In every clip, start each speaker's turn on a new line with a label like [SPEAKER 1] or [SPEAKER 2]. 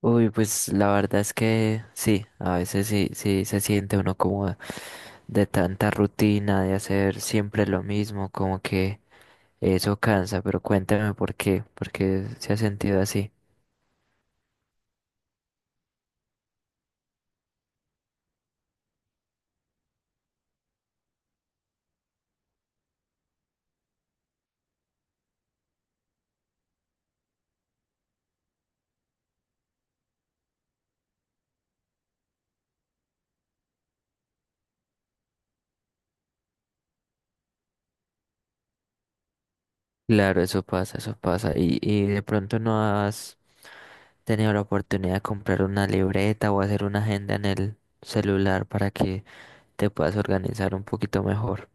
[SPEAKER 1] Uy, pues la verdad es que sí, a veces sí, sí se siente uno como de tanta rutina, de hacer siempre lo mismo, como que eso cansa, pero cuéntame por qué se ha sentido así. Claro, eso pasa, eso pasa. Y de pronto no has tenido la oportunidad de comprar una libreta o hacer una agenda en el celular para que te puedas organizar un poquito mejor.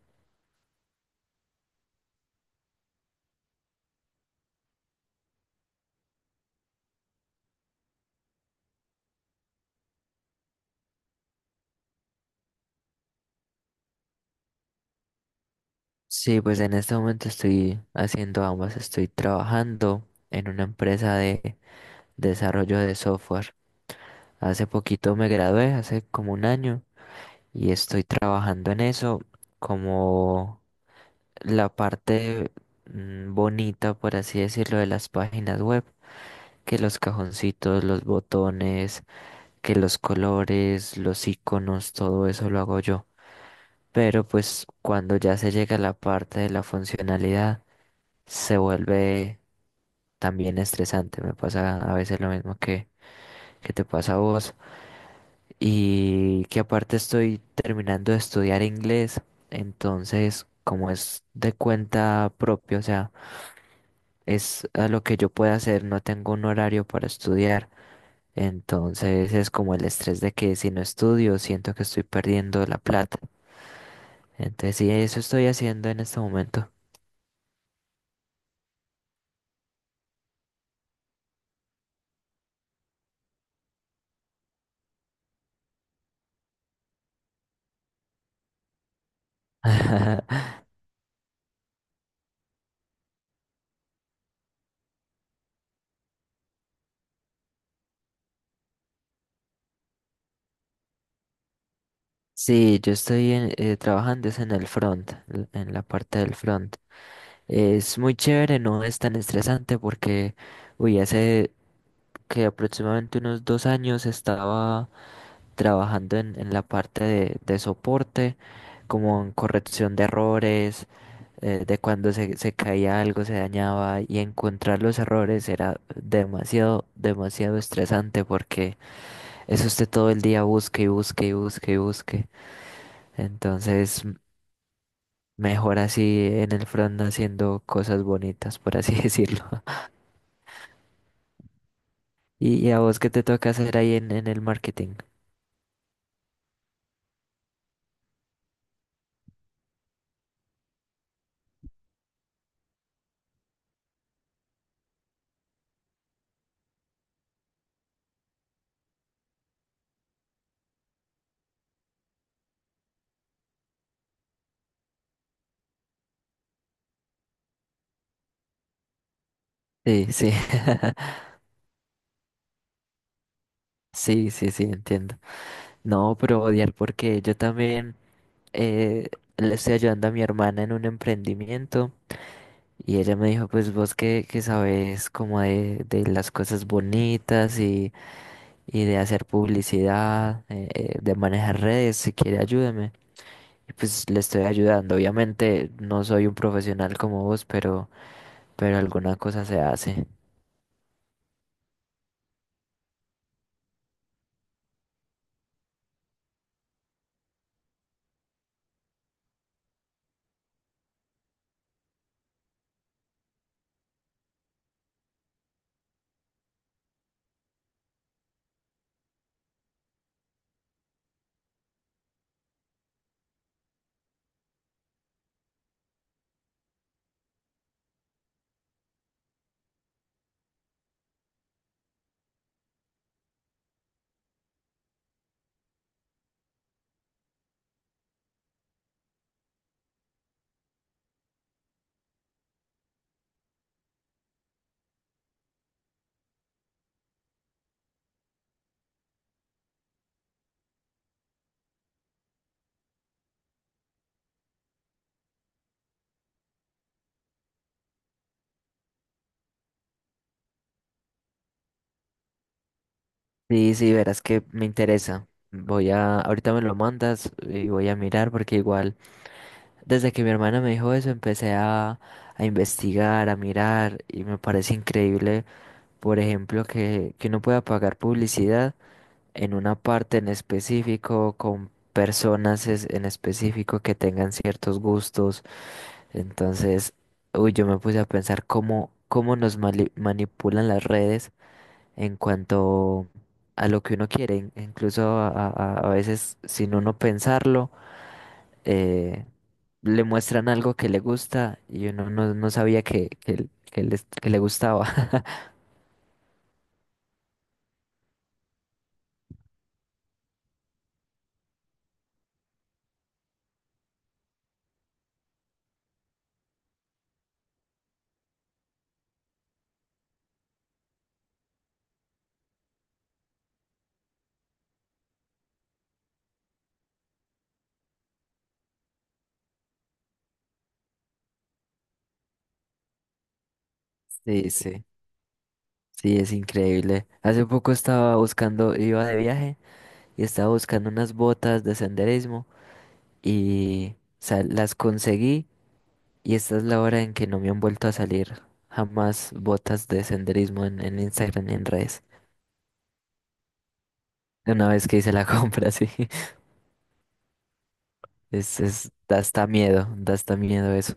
[SPEAKER 1] Sí, pues en este momento estoy haciendo ambas, estoy trabajando en una empresa de desarrollo de software. Hace poquito me gradué, hace como un año, y estoy trabajando en eso como la parte bonita, por así decirlo, de las páginas web, que los cajoncitos, los botones, que los colores, los iconos, todo eso lo hago yo. Pero pues cuando ya se llega a la parte de la funcionalidad, se vuelve también estresante. Me pasa a veces lo mismo que te pasa a vos y que aparte estoy terminando de estudiar inglés, entonces como es de cuenta propia, o sea, es a lo que yo pueda hacer, no tengo un horario para estudiar, entonces es como el estrés de que si no estudio siento que estoy perdiendo la plata, entonces sí, eso estoy haciendo en este momento. Sí, yo trabajando es en el front, en la parte del front. Es muy chévere, no es tan estresante porque, uy, hace que aproximadamente unos 2 años estaba trabajando en la parte de soporte, como en corrección de errores, de cuando se caía algo, se dañaba, y encontrar los errores era demasiado, demasiado estresante porque eso usted todo el día busque y busque y busque y busque. Entonces... Mejor así en el front haciendo cosas bonitas, por así decirlo. ¿Y a vos qué te toca hacer ahí en el marketing? Sí, sí. Sí, sí, sí, entiendo. No, pero odiar porque yo también eh, le estoy ayudando a mi hermana en un emprendimiento y ella me dijo, pues vos que sabes como de las cosas bonitas y de hacer publicidad, de manejar redes, si quiere ayúdame. Y pues le estoy ayudando. Obviamente no soy un profesional como vos, pero alguna cosa se hace. Sí, sí, verás que me interesa. Ahorita me lo mandas y voy a mirar porque igual... Desde que mi hermana me dijo eso, a investigar, a mirar, y me parece increíble, por ejemplo, que uno pueda pagar publicidad en una parte en específico, con personas en específico que tengan ciertos gustos. Entonces, uy, yo me puse a pensar cómo, cómo nos manipulan las redes en cuanto a lo que uno quiere, incluso a veces sin uno pensarlo. eh, Le muestran algo que le gusta y uno no, no sabía que que le gustaba. Sí, sí, sí, es increíble. Hace poco estaba buscando, iba de viaje y estaba buscando unas botas de senderismo y o sea, las conseguí y esta es la hora en que no me han vuelto a salir jamás botas de senderismo en Instagram ni en redes. Una vez que hice la compra, sí, es, da hasta miedo eso.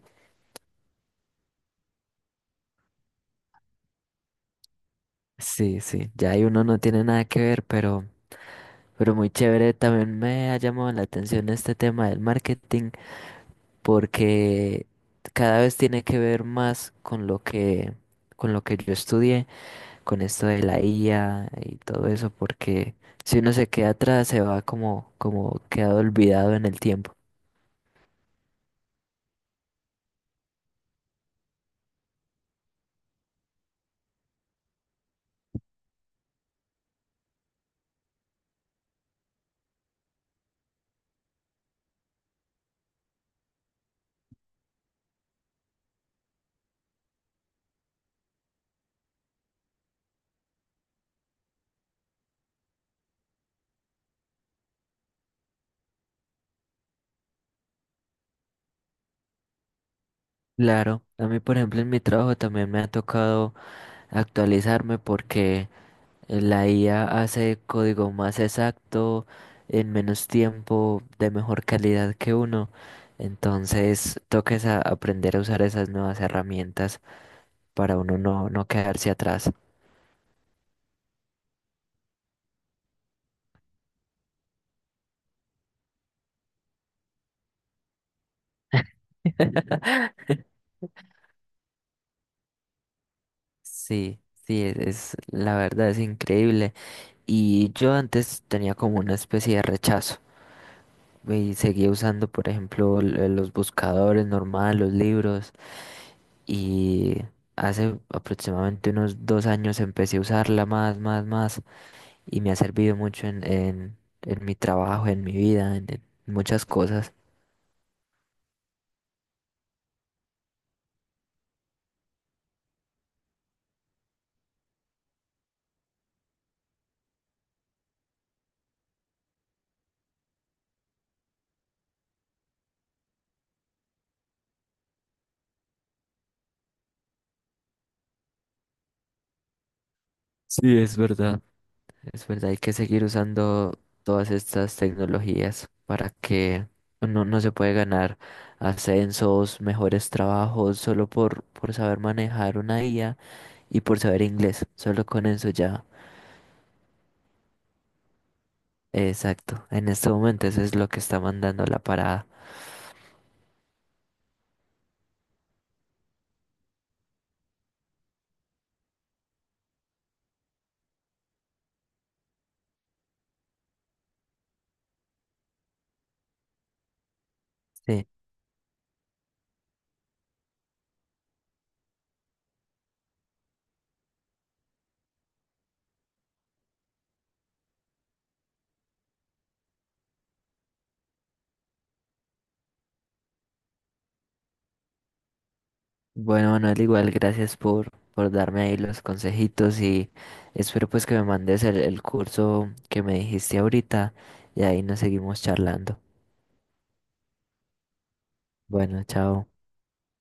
[SPEAKER 1] Sí, sí, ya ahí uno no tiene nada que ver, pero... Pero muy chévere, también me ha llamado la atención este tema del marketing porque cada vez tiene que ver más con lo que yo estudié, con esto de la IA y todo eso, porque si uno se queda atrás se va como como quedado olvidado en el tiempo. Claro, a mí por ejemplo en mi trabajo también me ha tocado actualizarme porque la IA hace código más exacto, en menos tiempo, de mejor calidad que uno. Entonces, toques a aprender a usar esas nuevas herramientas para uno no, no quedarse atrás. Sí, sí, la verdad es increíble. Y yo antes tenía como una especie de rechazo y seguía usando, por ejemplo, los buscadores normales, los libros. Y hace aproximadamente unos dos años empecé a usarla más, más, más y me ha servido mucho en mi trabajo, en mi vida, en muchas cosas. Sí, es verdad. Es verdad, hay que seguir usando todas estas tecnologías para que no, no se puede ganar ascensos, mejores trabajos, solo por saber manejar una IA y por saber inglés. Solo con eso ya. Exacto. En este momento eso es lo que está mandando la parada. Sí. Bueno, Manuel, igual gracias por darme ahí los consejitos y espero pues que me mandes el curso que me dijiste ahorita y ahí nos seguimos charlando. Bueno, chao.